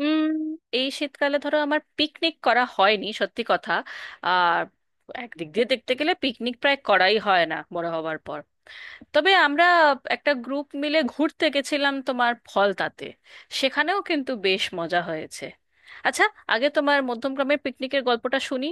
উম এই শীতকালে ধরো আমার পিকনিক করা হয়নি, সত্যি কথা। আর একদিক দিয়ে দেখতে গেলে পিকনিক প্রায় করাই হয় না বড় হবার পর। তবে আমরা একটা গ্রুপ মিলে ঘুরতে গেছিলাম তোমার ফলতাতে। সেখানেও কিন্তু বেশ মজা হয়েছে। আচ্ছা, আগে তোমার মধ্যমগ্রামের পিকনিকের গল্পটা শুনি।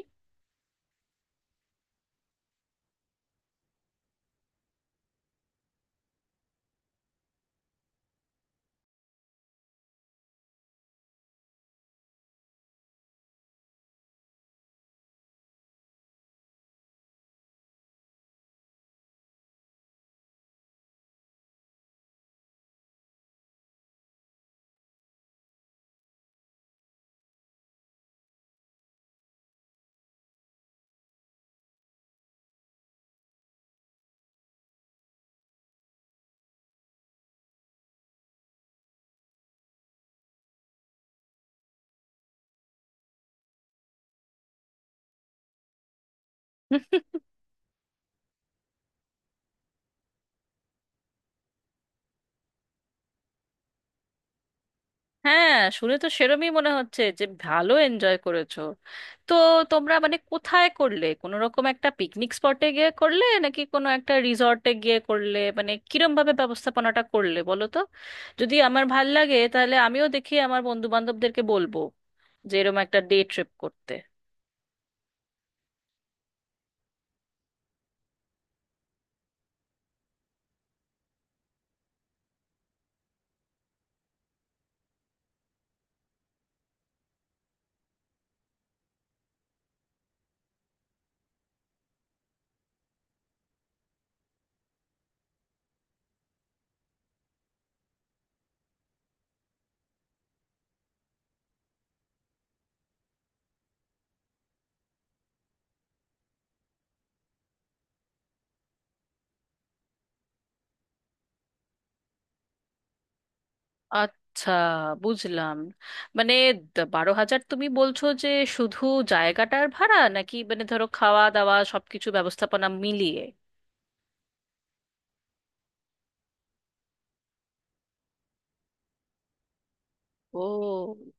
হ্যাঁ, শুনে তো সেরমই মনে হচ্ছে যে ভালো এনজয় করেছো। তো তোমরা মানে কোথায় করলে? কোনো রকম একটা পিকনিক স্পটে গিয়ে করলে নাকি কোনো একটা রিসর্টে গিয়ে করলে? মানে কিরম ভাবে ব্যবস্থাপনাটা করলে বলো তো। যদি আমার ভাল লাগে তাহলে আমিও দেখি আমার বন্ধু বান্ধবদেরকে বলবো যে এরম একটা ডে ট্রিপ করতে। আচ্ছা, বুঝলাম। মানে 12,000 তুমি বলছো যে শুধু জায়গাটার ভাড়া, নাকি মানে ধরো খাওয়া দাওয়া সবকিছু ব্যবস্থাপনা মিলিয়ে? ও।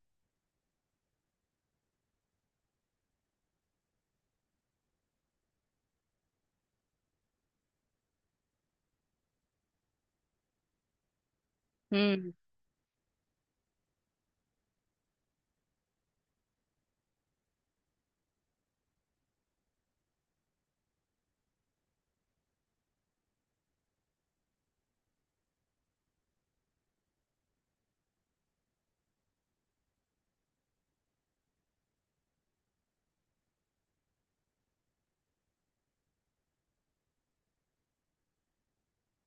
হুম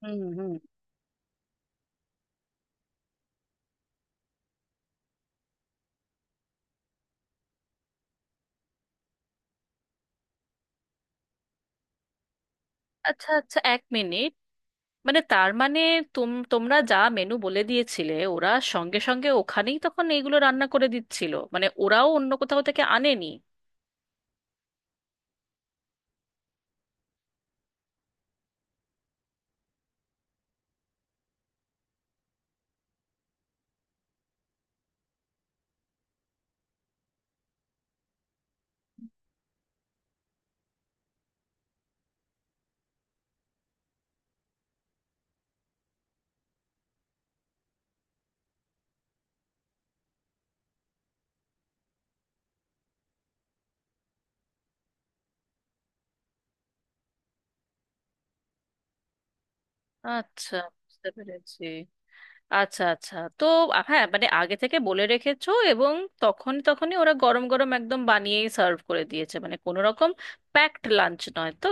হুম হুম। আচ্ছা আচ্ছা, এক মিনিট। মানে তার মানে তোমরা যা মেনু বলে দিয়েছিলে ওরা সঙ্গে সঙ্গে ওখানেই তখন এইগুলো রান্না করে দিচ্ছিল? মানে ওরাও অন্য কোথাও থেকে আনেনি? আচ্ছা, বুঝতে পেরেছি। আচ্ছা আচ্ছা, তো হ্যাঁ, মানে আগে থেকে বলে রেখেছো, এবং তখন তখনই ওরা গরম গরম একদম বানিয়েই সার্ভ করে দিয়েছে, মানে কোনো রকম প্যাকড লাঞ্চ নয় তো।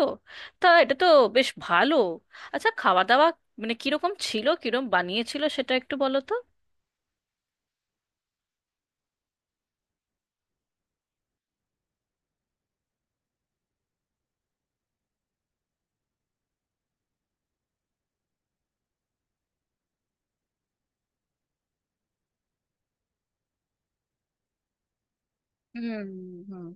তা এটা তো বেশ ভালো। আচ্ছা, খাওয়া দাওয়া মানে কিরকম ছিল, কিরকম বানিয়েছিল সেটা একটু বলো তো। হুম হুম।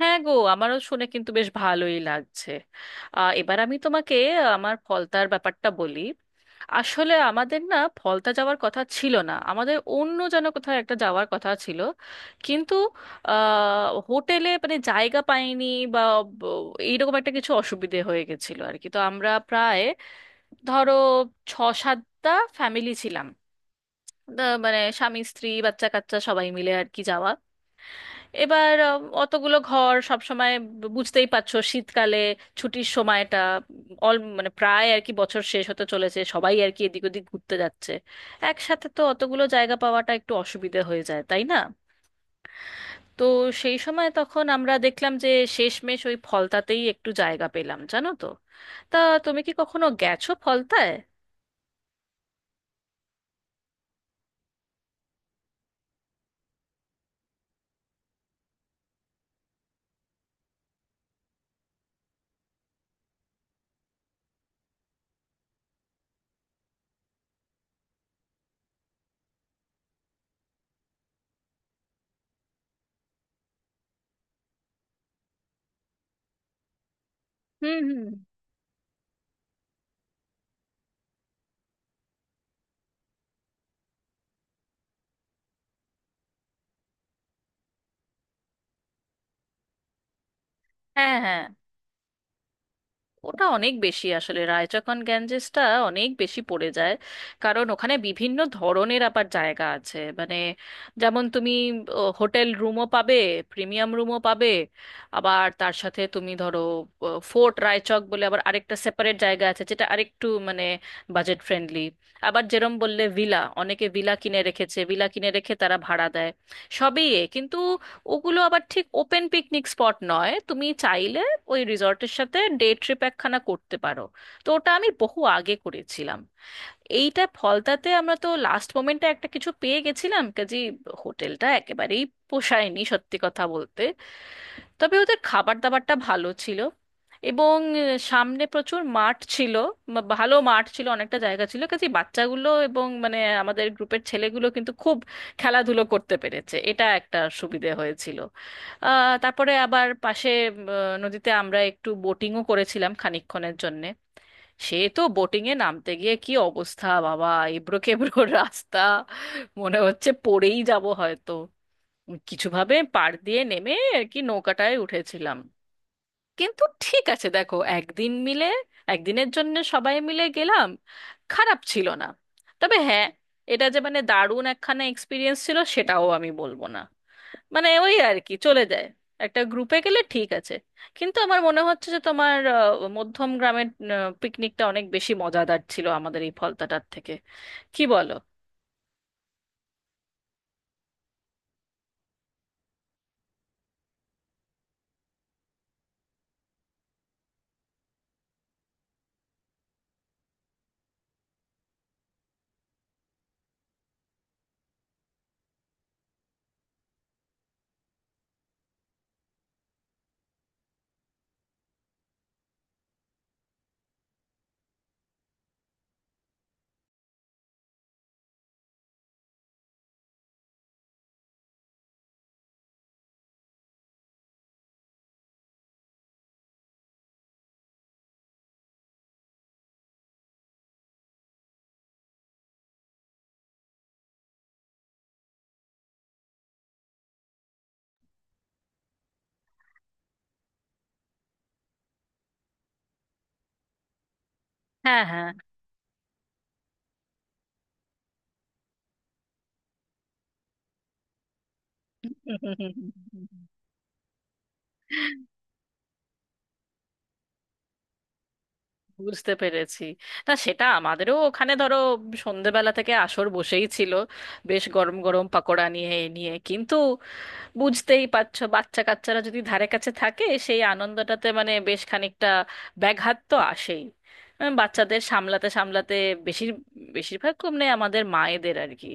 হ্যাঁ গো, আমারও শুনে কিন্তু বেশ ভালোই লাগছে। এবার আমি তোমাকে আমার ফলতার ব্যাপারটা বলি। আসলে আমাদের না ফলতা যাওয়ার কথা ছিল না, আমাদের অন্য যেন কোথাও একটা যাওয়ার কথা ছিল, কিন্তু হোটেলে মানে জায়গা পাইনি বা ব- এইরকম একটা কিছু অসুবিধে হয়ে গেছিল আর কি। তো আমরা প্রায় ধরো 6-7টা ফ্যামিলি ছিলাম। মানে স্বামী স্ত্রী বাচ্চা কাচ্চা সবাই মিলে আর কি যাওয়া। এবার অতগুলো ঘর সব সময়, বুঝতেই পারছো, শীতকালে ছুটির সময়টা অল মানে প্রায় আর কি বছর শেষ হতে চলেছে, সবাই আর কি এদিক ওদিক ঘুরতে যাচ্ছে, একসাথে তো অতগুলো জায়গা পাওয়াটা একটু অসুবিধে হয়ে যায়, তাই না? তো সেই সময় তখন আমরা দেখলাম যে শেষমেশ ওই ফলতাতেই একটু জায়গা পেলাম, জানো তো। তা তুমি কি কখনো গেছো ফলতায়? হুম হুম। হ্যাঁ হ্যাঁ, ওটা অনেক বেশি। আসলে রায়চকন গ্যাঞ্জেসটা অনেক বেশি পড়ে যায়, কারণ ওখানে বিভিন্ন ধরনের আবার জায়গা আছে। মানে যেমন তুমি হোটেল রুমও পাবে, প্রিমিয়াম রুমও পাবে, আবার তার সাথে তুমি ধরো ফোর্ট রায়চক বলে আবার আরেকটা সেপারেট জায়গা আছে, যেটা আরেকটু মানে বাজেট ফ্রেন্ডলি। আবার যেরম বললে ভিলা, অনেকে ভিলা কিনে রেখেছে, ভিলা কিনে রেখে তারা ভাড়া দেয়। সবই এ, কিন্তু ওগুলো আবার ঠিক ওপেন পিকনিক স্পট নয়। তুমি চাইলে ওই রিসর্টের সাথে ডে ট্রিপ একখানা করতে পারো। তো ওটা আমি বহু আগে করেছিলাম। এইটা ফলতাতে আমরা তো লাস্ট মোমেন্টে একটা কিছু পেয়ে গেছিলাম, কাজে হোটেলটা একেবারেই পোষায়নি, সত্যি কথা বলতে। তবে ওদের খাবার দাবারটা ভালো ছিল, এবং সামনে প্রচুর মাঠ ছিল। ভালো মাঠ ছিল, অনেকটা জায়গা ছিল, কাজে বাচ্চাগুলো এবং মানে আমাদের গ্রুপের ছেলেগুলো কিন্তু খুব খেলাধুলো করতে পেরেছে, এটা একটা সুবিধে হয়েছিল। তারপরে আবার পাশে নদীতে আমরা একটু বোটিংও করেছিলাম খানিকক্ষণের জন্যে। সে তো বোটিংয়ে নামতে গিয়ে কি অবস্থা বাবা, এবড়ো খেবড়ো রাস্তা, মনে হচ্ছে পড়েই যাব হয়তো। কিছুভাবে পাড় দিয়ে নেমে আর কি নৌকাটায় উঠেছিলাম। কিন্তু ঠিক আছে, দেখো একদিন মিলে, একদিনের জন্য সবাই মিলে গেলাম, খারাপ ছিল না। তবে হ্যাঁ, এটা যে মানে দারুণ একখানা এক্সপিরিয়েন্স ছিল সেটাও আমি বলবো না। মানে ওই আর কি চলে যায়, একটা গ্রুপে গেলে ঠিক আছে। কিন্তু আমার মনে হচ্ছে যে তোমার মধ্যম গ্রামের পিকনিকটা অনেক বেশি মজাদার ছিল আমাদের এই ফলতাটার থেকে, কি বলো? হ্যাঁ হ্যাঁ। বুঝতে পেরেছি। না, সেটা আমাদেরও ওখানে ধরো সন্ধেবেলা থেকে আসর বসেই ছিল, বেশ গরম গরম পাকোড়া নিয়ে এ নিয়ে। কিন্তু বুঝতেই পারছো, বাচ্চা কাচ্চারা যদি ধারে কাছে থাকে সেই আনন্দটাতে মানে বেশ খানিকটা ব্যাঘাত তো আসেই। বাচ্চাদের সামলাতে সামলাতে বেশির বেশিরভাগ কমনে আমাদের মায়েদের আর কি,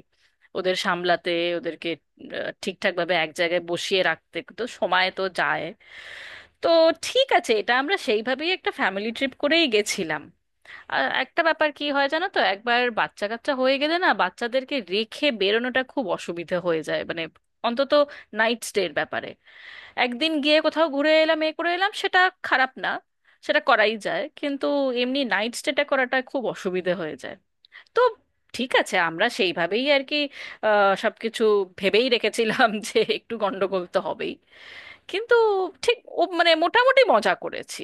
ওদের সামলাতে, ওদেরকে ঠিকঠাক ভাবে এক জায়গায় বসিয়ে রাখতে তো সময় তো যায়। তো ঠিক আছে, এটা আমরা সেইভাবেই একটা ফ্যামিলি ট্রিপ করেই গেছিলাম। আর একটা ব্যাপার কি হয় জানো তো, একবার বাচ্চা কাচ্চা হয়ে গেলে না, বাচ্চাদেরকে রেখে বেরোনোটা খুব অসুবিধা হয়ে যায়, মানে অন্তত নাইট স্টের ব্যাপারে। একদিন গিয়ে কোথাও ঘুরে এলাম এ করে এলাম, সেটা খারাপ না, সেটা করাই যায়, কিন্তু এমনি নাইট স্টেটা করাটা খুব অসুবিধা হয়ে যায়। তো ঠিক আছে, আমরা সেইভাবেই আর কি সবকিছু ভেবেই রেখেছিলাম যে একটু গন্ডগোল তো হবেই, কিন্তু ঠিক ও মানে মোটামুটি মজা করেছি।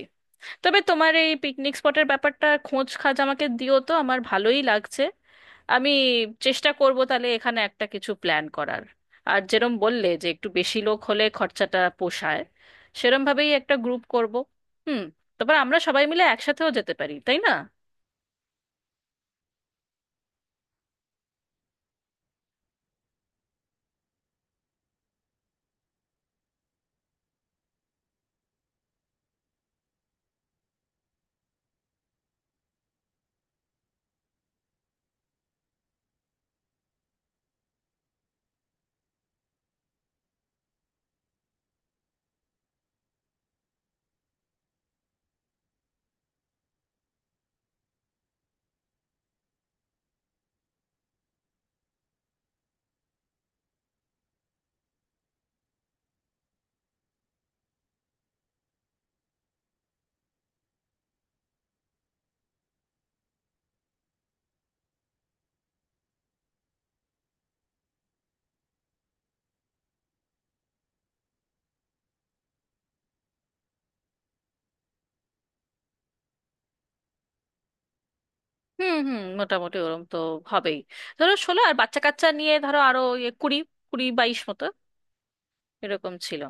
তবে তোমার এই পিকনিক স্পটের ব্যাপারটা খোঁজ খাজ আমাকে দিও তো, আমার ভালোই লাগছে। আমি চেষ্টা করব তাহলে এখানে একটা কিছু প্ল্যান করার। আর যেরম বললে যে একটু বেশি লোক হলে খরচাটা পোষায়, সেরম ভাবেই একটা গ্রুপ করব। হুম। তারপর আমরা সবাই মিলে একসাথেও যেতে পারি, তাই না? হুম হুম, মোটামুটি ওরম তো হবেই। ধরো 16, আর বাচ্চা কাচ্চা নিয়ে ধরো আরো ইয়ে 20, 20-22 মতো, এরকম ছিল।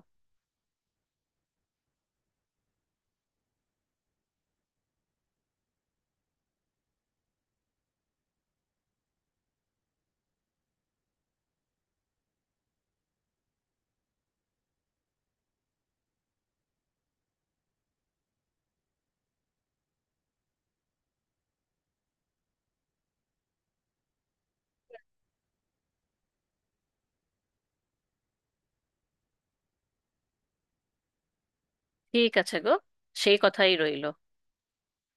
ঠিক আছে গো, সেই কথাই রইল।